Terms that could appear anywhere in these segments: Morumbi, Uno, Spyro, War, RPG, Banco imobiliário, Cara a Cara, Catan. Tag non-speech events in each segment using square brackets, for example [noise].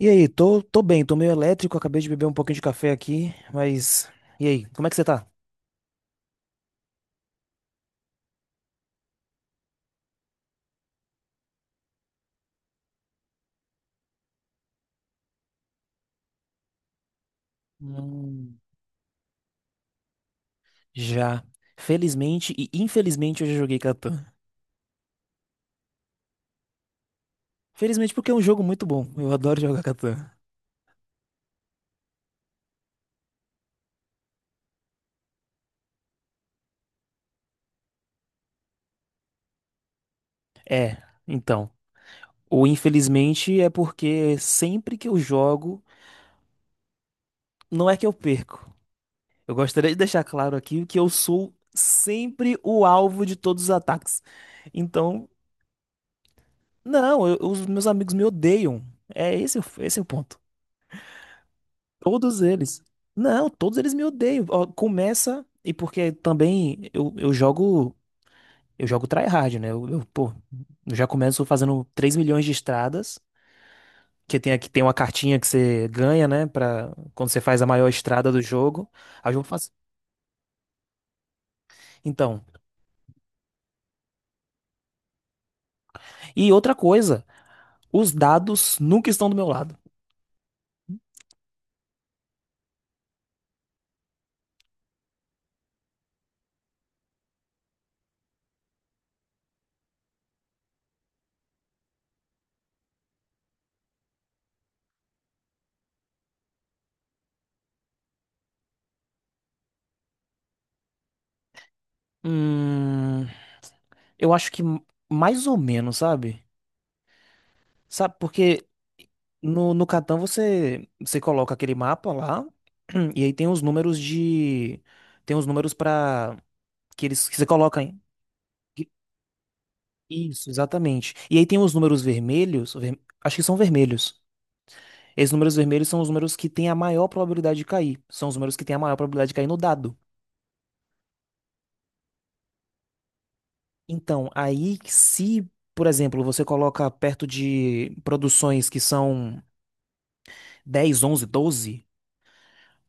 E aí, tô bem, tô meio elétrico, acabei de beber um pouquinho de café aqui, mas. E aí, como é que você tá? Hum. Já. Felizmente e infelizmente eu já joguei Catan. Felizmente porque é um jogo muito bom, eu adoro jogar Catan. É, então. O infelizmente é porque sempre que eu jogo, não é que eu perco. Eu gostaria de deixar claro aqui que eu sou sempre o alvo de todos os ataques. Então, não, os meus amigos me odeiam. É esse, esse é o ponto. Todos eles. Não, todos eles me odeiam. Ó, começa, e porque também eu jogo, tryhard, né? Pô, eu já começo fazendo 3 milhões de estradas, que tem aqui tem uma cartinha que você ganha, né, para quando você faz a maior estrada do jogo. Aí eu faço. Então, e outra coisa, os dados nunca estão do meu lado. Hum, eu acho que mais ou menos, sabe? Sabe, porque no Catan você coloca aquele mapa lá, [clears throat] e aí tem os números de. Tem os números pra. Que eles que você coloca, hein? Isso, exatamente. E aí tem os números vermelhos, acho que são vermelhos. Esses números vermelhos são os números que têm a maior probabilidade de cair. São os números que têm a maior probabilidade de cair no dado. Então, aí se, por exemplo, você coloca perto de produções que são 10, 11, 12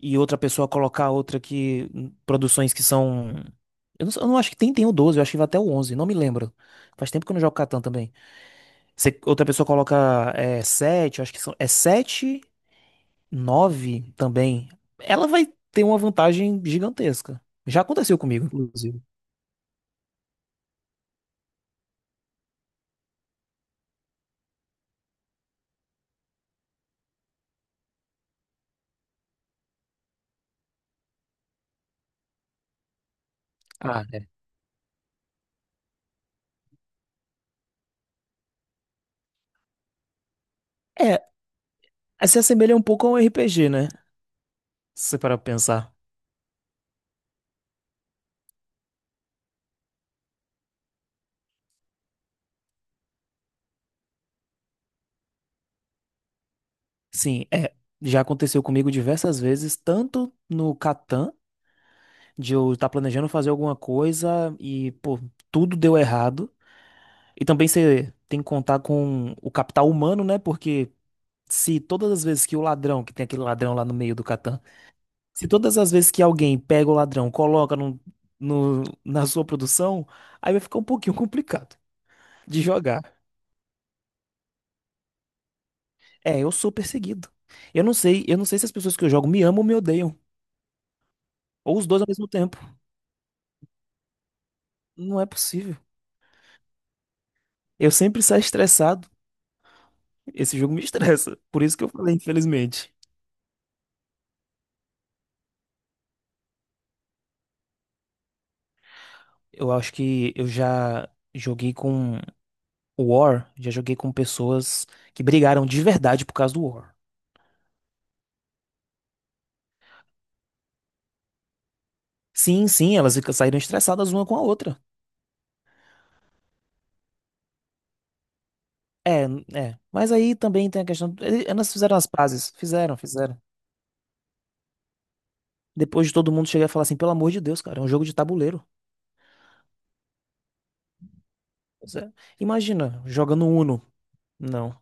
e outra pessoa colocar outra que produções que são. Eu não acho que tem o 12, eu acho que vai até o 11, não me lembro. Faz tempo que eu não jogo Catan também. Se outra pessoa coloca é, 7, eu acho que são, é 7 9 também, ela vai ter uma vantagem gigantesca. Já aconteceu comigo, inclusive. Ah, é. É, se assemelha um pouco a um RPG, né? Se você parar pra pensar. Sim, é. Já aconteceu comigo diversas vezes, tanto no Catan, de eu estar planejando fazer alguma coisa e, pô, tudo deu errado. E também você tem que contar com o capital humano, né? Porque se todas as vezes que o ladrão, que tem aquele ladrão lá no meio do Catan, se todas as vezes que alguém pega o ladrão, coloca na [laughs] sua produção, aí vai ficar um pouquinho complicado de jogar. É, eu sou perseguido. Eu não sei se as pessoas que eu jogo me amam ou me odeiam, ou os dois ao mesmo tempo. Não é possível. Eu sempre saio estressado. Esse jogo me [laughs] estressa. Por isso que eu falei, infelizmente. Eu acho que eu já joguei com War, já joguei com pessoas que brigaram de verdade por causa do War. Sim, sim, elas saíram estressadas uma com a outra. É, é. Mas aí também tem a questão. Elas fizeram as pazes. Fizeram, fizeram. Depois de todo mundo chegar e falar assim, pelo amor de Deus, cara, é um jogo de tabuleiro. Pois é. Imagina, jogando Uno. Não.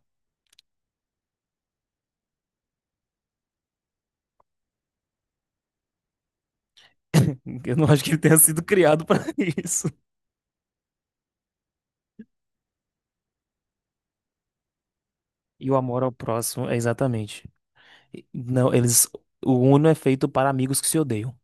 [laughs] Eu não acho que ele tenha sido criado pra [laughs] isso. E o amor ao próximo, é exatamente. Não, eles. O Uno é feito para amigos que se odeiam.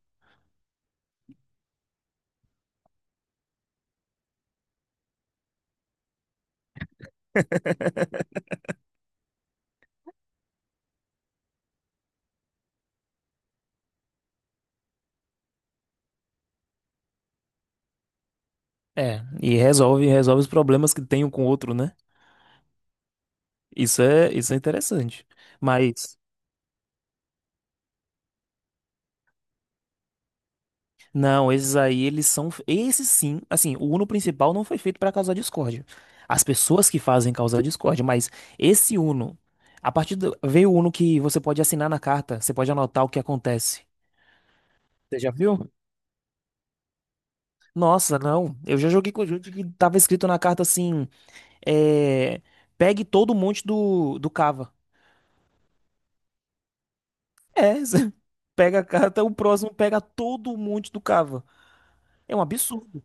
É, e resolve os problemas que tem um com o outro, né? Isso é interessante. Mas não, esses aí, eles são. Esses sim, assim, o Uno principal não foi feito para causar discórdia. As pessoas que fazem causar discórdia, mas esse Uno, a partir do. Veio o Uno que você pode assinar na carta, você pode anotar o que acontece. Você já viu? Nossa, não. Eu já joguei com o jogo que tava escrito na carta assim: é, pegue todo o monte do cava. É, [laughs] você pega a carta, o próximo pega todo o monte do cava. É um absurdo.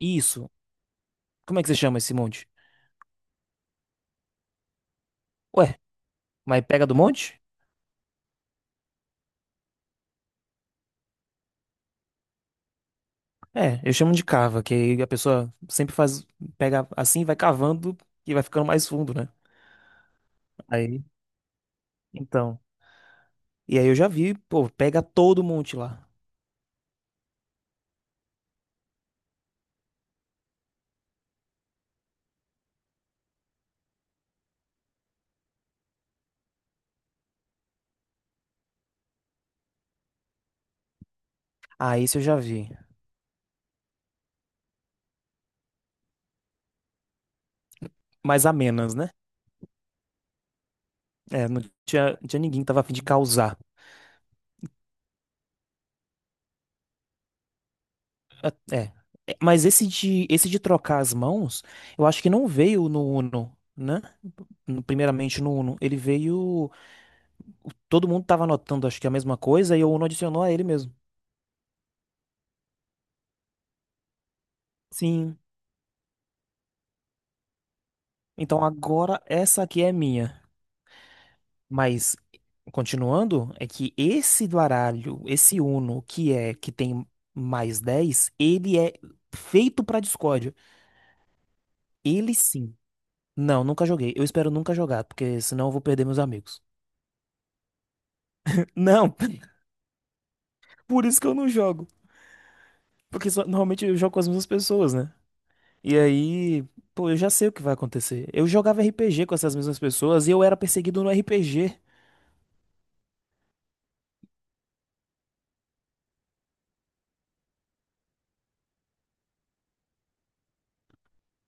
Isso. Como é que você chama esse monte? Ué, mas pega do monte? É, eu chamo de cava, que aí a pessoa sempre faz, pega assim, vai cavando e vai ficando mais fundo, né? Aí, então. E aí eu já vi, pô, pega todo monte lá. Ah, isso eu já vi. Mas a menos, né? É, não tinha, não tinha ninguém que tava a fim de causar. É, é. É, mas esse de trocar as mãos, eu acho que não veio no Uno, né? Primeiramente no Uno. Ele veio. Todo mundo tava anotando, acho que a mesma coisa, e o Uno adicionou a ele mesmo. Sim. Então agora essa aqui é minha. Mas, continuando, é que esse do baralho, esse Uno, que é que tem mais 10, ele é feito pra discórdia. Ele sim. Não, nunca joguei. Eu espero nunca jogar, porque senão eu vou perder meus amigos. [laughs] Não, por isso que eu não jogo. Porque normalmente eu jogo com as mesmas pessoas, né? E aí, pô, eu já sei o que vai acontecer. Eu jogava RPG com essas mesmas pessoas e eu era perseguido no RPG.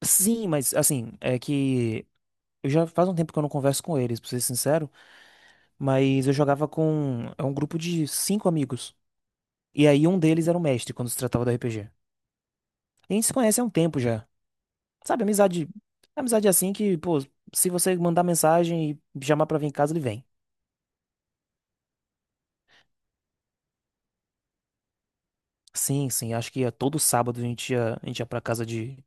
Sim, mas assim, é que eu já faz um tempo que eu não converso com eles, pra ser sincero. Mas eu jogava com é um grupo de 5 amigos. E aí um deles era o mestre quando se tratava do RPG. E a gente se conhece há um tempo já. Sabe, amizade. Amizade assim que, pô, se você mandar mensagem e chamar pra vir em casa, ele vem. Sim, sim, acho que ia todo sábado a gente ia pra casa de,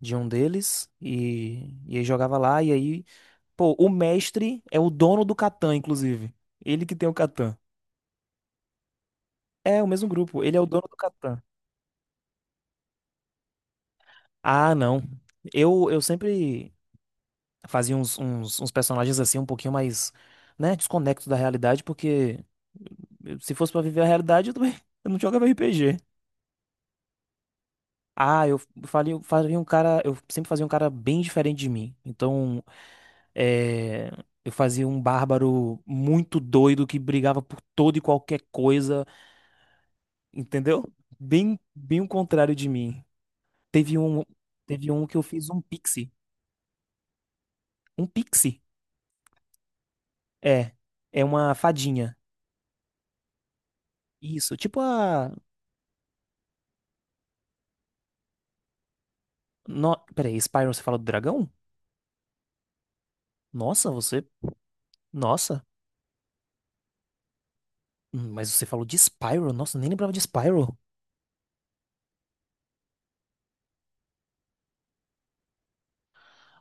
de um deles e aí jogava lá. E aí, pô, o mestre é o dono do Catan, inclusive. Ele que tem o Catan. É, o mesmo grupo, ele é o dono do Catan. Ah, não. Eu sempre. Fazia uns personagens assim um pouquinho mais, né, desconectos da realidade, porque se fosse pra viver a realidade, eu também [laughs] eu não jogava RPG. Ah, eu faria um cara, eu sempre fazia um cara bem diferente de mim. Então, é, eu fazia um bárbaro muito doido que brigava por todo e qualquer coisa, entendeu? Bem, bem o contrário de mim. Teve um, teve um que eu fiz um pixie. Um pixie? É. É uma fadinha. Isso. Tipo a. No. Peraí, Spyro você fala do dragão? Nossa, você. Nossa. Mas você falou de Spyro? Nossa, eu nem lembrava de Spyro.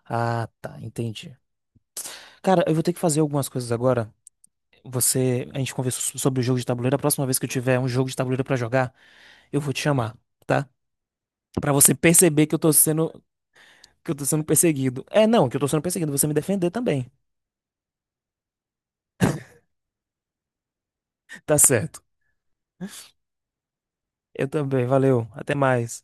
Ah, tá, entendi. Cara, eu vou ter que fazer algumas coisas agora. Você. A gente conversou sobre o jogo de tabuleiro. A próxima vez que eu tiver um jogo de tabuleiro pra jogar, eu vou te chamar, tá? Pra você perceber que eu tô sendo. Que eu tô sendo perseguido. É, não, que eu tô sendo perseguido. Você me defender também. Tá certo. Eu também, valeu. Até mais.